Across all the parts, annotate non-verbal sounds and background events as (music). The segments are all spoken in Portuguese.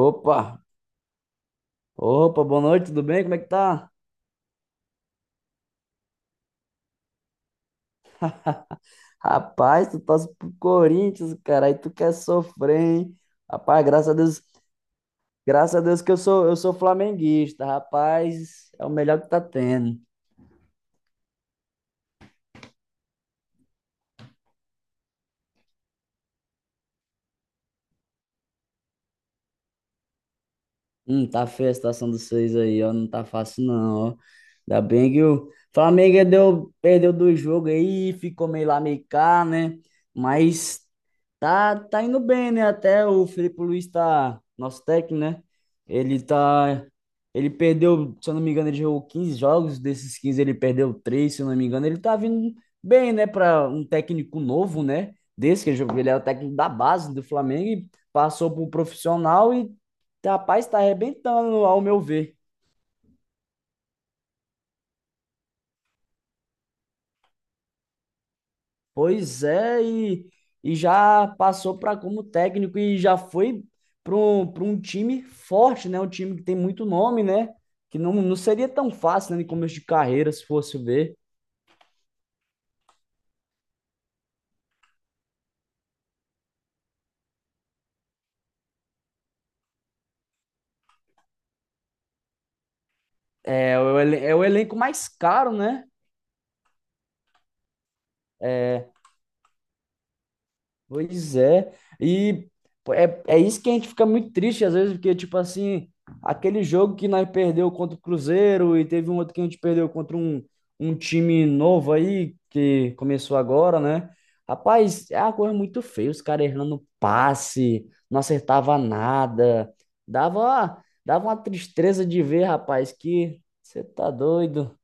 Opa, opa, boa noite, tudo bem? Como é que tá? Rapaz, tu torce pro Corinthians, cara, aí tu quer sofrer, hein? Rapaz, graças a Deus que eu sou flamenguista, rapaz, é o melhor que tá tendo. Tá feia a situação dos seis aí, ó. Não tá fácil, não, ó. Ainda bem que o Flamengo perdeu dois jogos aí, ficou meio lá, meio cá, né? Mas tá indo bem, né? Até o Felipe Luiz tá, nosso técnico, né? Ele tá. Ele perdeu, se eu não me engano, ele jogou 15 jogos, desses 15 ele perdeu três se eu não me engano. Ele tá vindo bem, né? Pra um técnico novo, né? Desse que ele jogou, ele era o técnico da base do Flamengo e passou pro profissional, e rapaz, está arrebentando, ao meu ver. Pois é, e já passou para como técnico e já foi para um time forte, né? Um time que tem muito nome, né? Que não seria tão fácil, né, no começo de carreira, se fosse ver. É o elenco mais caro, né? Pois é. E pô, é isso que a gente fica muito triste às vezes, porque, tipo assim, aquele jogo que nós perdeu contra o Cruzeiro e teve um outro que a gente perdeu contra um time novo aí, que começou agora, né? Rapaz, é uma coisa muito feia, os caras errando passe, não acertava nada. Dava uma tristeza de ver, rapaz, que você tá doido.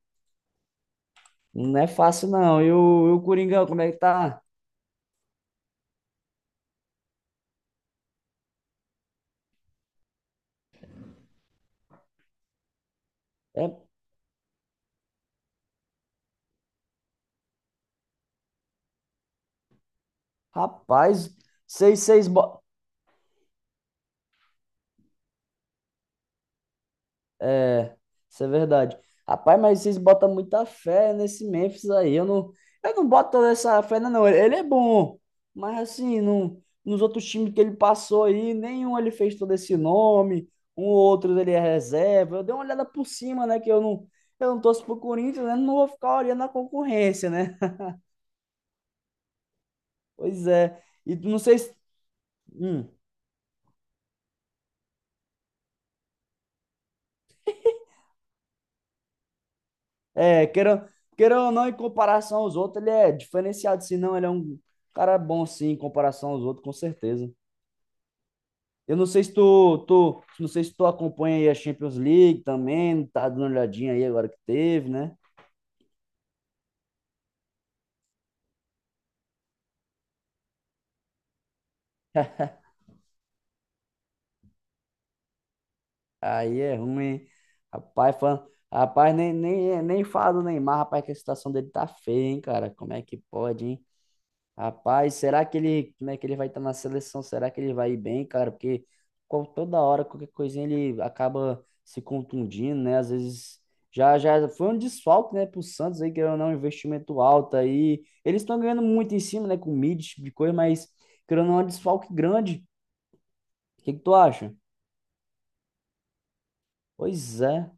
Não é fácil, não. E o Coringão, como é que tá? É, rapaz, seis. Isso é verdade. Rapaz, mas vocês botam muita fé nesse Memphis aí. Eu não boto toda essa fé, não. Não. Ele é bom, mas assim, não, nos outros times que ele passou aí, nenhum ele fez todo esse nome. Um ou outro ele é reserva. Eu dei uma olhada por cima, né? Que eu não torço pro Corinthians, né? Não vou ficar olhando a concorrência, né? Pois é. E não sei se. Hum, É, queira ou não, em comparação aos outros, ele é diferenciado. Se não, ele é um cara bom, sim, em comparação aos outros, com certeza. Eu não sei se tu, tu, não sei se tu acompanha aí a Champions League também, tá dando uma olhadinha aí agora que teve, né? Aí é ruim, hein? Rapaz, rapaz, nem fala do Neymar, rapaz, que a situação dele tá feia, hein, cara? Como é que pode, hein? Rapaz, como é que ele vai estar na seleção? Será que ele vai ir bem, cara? Porque toda hora, qualquer coisinha, ele acaba se contundindo, né? Às vezes já já foi um desfalque, né, pro Santos aí, que era um investimento alto aí. Eles estão ganhando muito em cima, né, com de coisa, mas querendo ou não, é um desfalque grande. O que que tu acha? Pois é.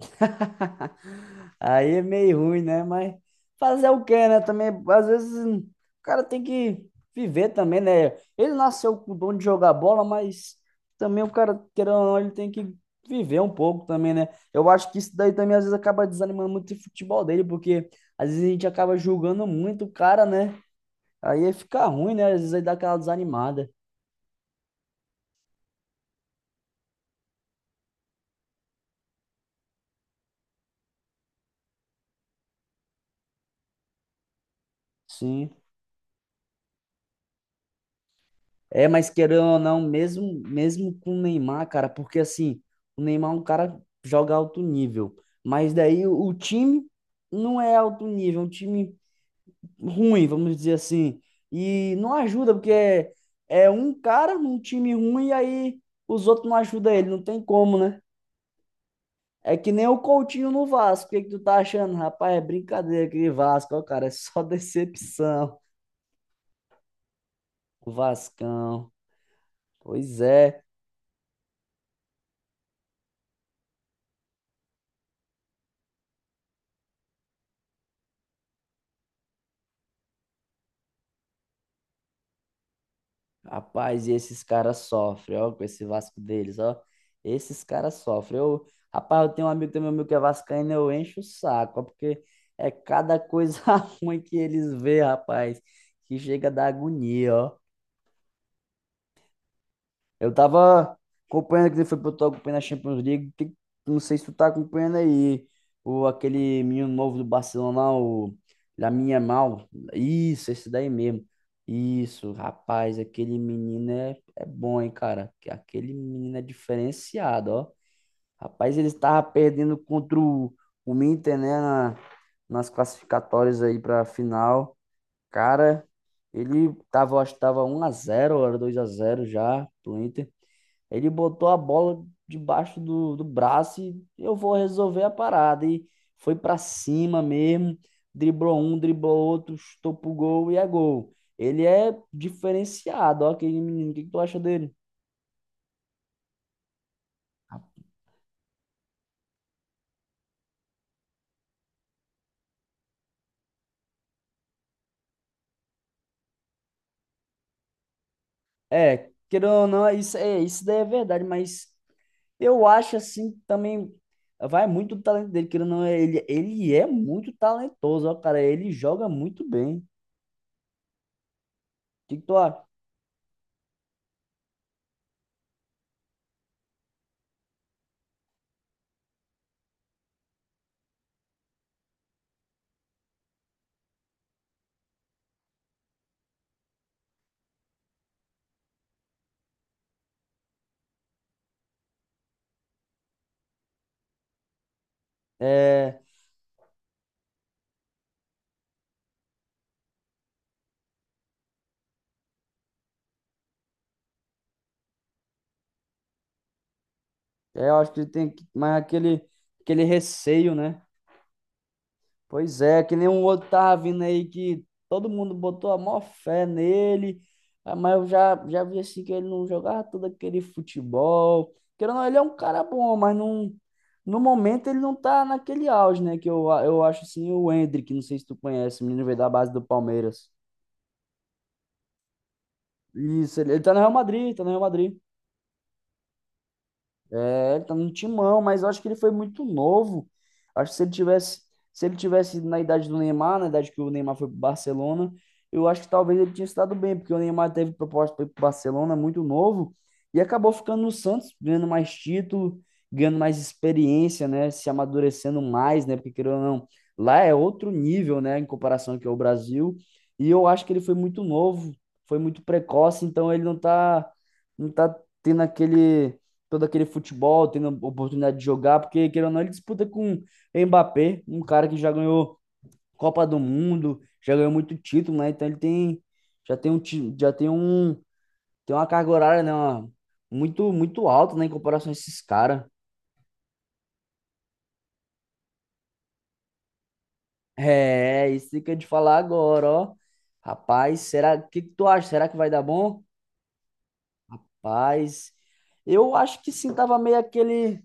(laughs) Aí é meio ruim, né? Mas fazer o quê, né? Também, às vezes, o cara tem que viver também, né? Ele nasceu com o dom de jogar bola, mas também o cara, querendo ou não, ele tem que viver um pouco também, né? Eu acho que isso daí também, às vezes, acaba desanimando muito o futebol dele, porque às vezes a gente acaba julgando muito o cara, né? Aí fica ruim, né? Às vezes aí dá aquela desanimada. Sim. É, mas querendo ou não, mesmo, mesmo com o Neymar, cara, porque assim, o Neymar é um cara que joga alto nível, mas daí o time não é alto nível, é um time ruim, vamos dizer assim, e não ajuda, porque é um cara num time ruim e aí os outros não ajudam ele, não tem como, né? É que nem o Coutinho no Vasco, o que que tu tá achando? Rapaz, é brincadeira aquele Vasco, ó, cara, é só (laughs) decepção, o Vascão, pois é. Rapaz, e esses caras sofrem, ó, com esse Vasco deles, ó. Esses caras sofrem. Eu tenho um amigo, tem meu amigo que é vascaíno, eu encho o saco, ó, porque é cada coisa (laughs) ruim que eles vê, rapaz, que chega a dar agonia, ó. Eu tava acompanhando que foi pro tô acompanhando a Champions League. Não sei se tu tá acompanhando aí o aquele menino novo do Barcelona, o Lamine Yamal. Isso, esse daí mesmo. Isso, rapaz, aquele menino é, é bom, hein, cara. Aquele menino é diferenciado, ó. Rapaz, ele estava perdendo contra o Inter, né, nas classificatórias aí pra final. Cara, eu acho que tava 1-0, era 2-0 já pro Inter. Ele botou a bola debaixo do braço e eu vou resolver a parada. E foi para cima mesmo, driblou um, driblou outro, chutou pro gol e é gol. Ele é diferenciado, ó, aquele menino. O que que tu acha dele? É, querendo ou não, isso, é, isso daí é verdade, mas eu acho assim também vai muito do talento dele, querendo ou não, ele é muito talentoso, ó, cara, ele joga muito bem. O que que tu acha? É, é, eu acho que mais aquele receio, né? Pois é, que nem um outro tava vindo aí que todo mundo botou a maior fé nele, ah, mas eu já vi assim que ele não jogava todo aquele futebol. Querendo ou não, ele é um cara bom, mas não, no momento ele não tá naquele auge, né? Eu acho assim o Endrick, não sei se tu conhece, o menino veio da base do Palmeiras. Isso, ele tá no Real Madrid, tá no Real Madrid. É, ele tá no timão, mas eu acho que ele foi muito novo. Acho que se ele tivesse, se ele tivesse na idade do Neymar, na idade que o Neymar foi pro Barcelona, eu acho que talvez ele tinha estado bem, porque o Neymar teve proposta para ir pro Barcelona muito novo e acabou ficando no Santos, ganhando mais título, ganhando mais experiência, né, se amadurecendo mais, né, porque querendo ou não, lá é outro nível, né, em comparação que é o Brasil. E eu acho que ele foi muito novo, foi muito precoce, então ele não tá tendo aquele todo aquele futebol, tendo a oportunidade de jogar, porque, querendo ou não, ele disputa com Mbappé, um cara que já ganhou Copa do Mundo, já ganhou muito título, né? Então ele tem, já tem um, ti- já tem um, tem uma carga horária, né? Muito, muito alta, né? Em comparação a esses caras. É, é isso que eu ia te falar agora, ó. Rapaz, será, o que que tu acha? Será que vai dar bom? Rapaz, eu acho que sim, tava meio aquele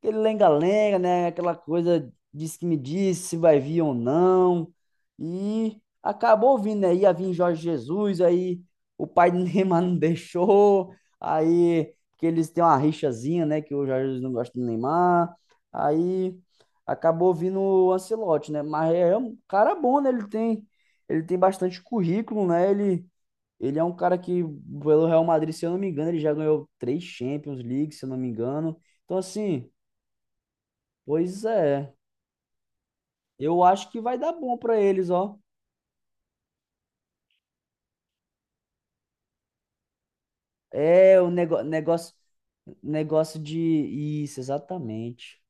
lenga-lenga, né? Aquela coisa, diz que me disse se vai vir ou não. E acabou vindo, né? Ia vir Jorge Jesus, aí o pai (laughs) do Neymar não deixou, aí porque eles têm uma rixazinha, né? Que o Jorge Jesus não gosta do Neymar. Aí acabou vindo o Ancelotti, né? Mas é um cara bom, né? Ele tem bastante currículo, né? Ele é um cara que, pelo Real Madrid, se eu não me engano, ele já ganhou três Champions League, se eu não me engano. Então, assim, pois é. Eu acho que vai dar bom pra eles, ó. É, o negócio de isso, exatamente.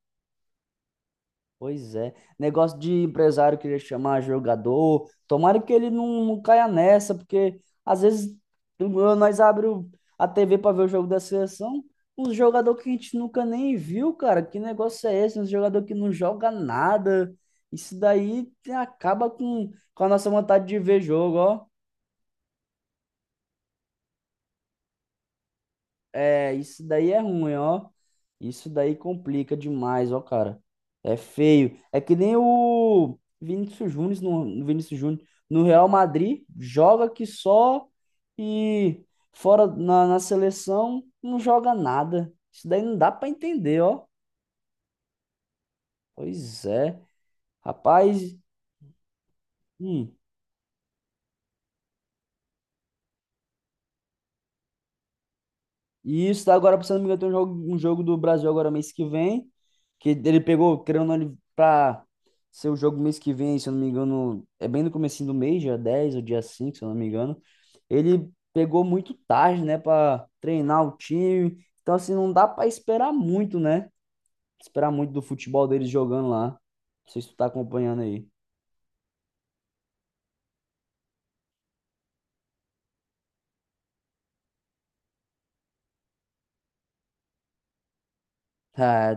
Pois é. Negócio de empresário querer chamar jogador. Tomara que ele não caia nessa, porque às vezes tu- nós abrimos a TV pra ver o jogo da seleção, uns jogador que a gente nunca nem viu, cara. Que negócio é esse? Uns jogador que não joga nada. Isso daí acaba com a nossa vontade de ver jogo, ó. É, isso daí é ruim, ó. Isso daí complica demais, ó, cara. É feio. É que nem o Vinícius Júnior no Real Madrid, joga que só e fora na, na seleção não joga nada. Isso daí não dá pra entender, ó. Pois é. Rapaz, hum, e isso tá agora, se não me engano, tem um jogo do Brasil agora mês que vem, que ele pegou, querendo ou não, ele pra ser o jogo mês que vem, se eu não me engano, é bem no comecinho do mês, dia 10 ou dia 5, se eu não me engano. Ele pegou muito tarde, né, pra treinar o time. Então, assim, não dá pra esperar muito, né? Esperar muito do futebol deles jogando lá. Não sei se tu tá acompanhando aí. Ah,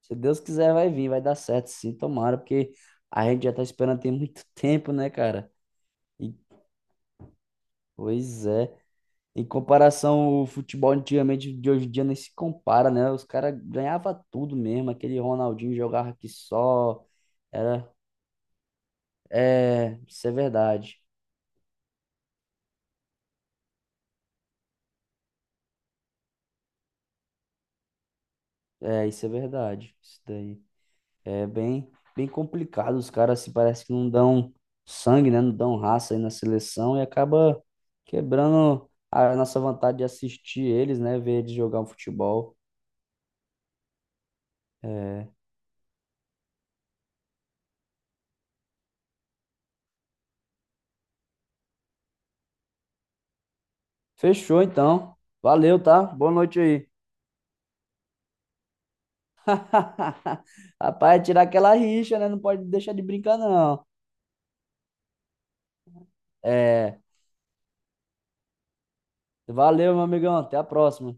se Deus quiser, vai vir, vai dar certo, sim, tomara, porque a gente já tá esperando tem muito (laughs) tempo, né, cara? E, Pois é. Em comparação, o futebol antigamente de hoje em dia nem se compara, né? Os caras ganhavam tudo mesmo. Aquele Ronaldinho jogava aqui só. Era. É, isso é verdade. É, isso é verdade. Isso daí. É bem, bem complicado. Os caras se parece que não dão sangue, né? Não dão raça aí na seleção e acaba quebrando a nossa vontade de assistir eles, né? Ver eles jogar um futebol. É. Fechou então. Valeu, tá? Boa noite aí. (laughs) Rapaz, tirar aquela rixa, né? Não pode deixar de brincar, não. É, valeu, meu amigão. Até a próxima.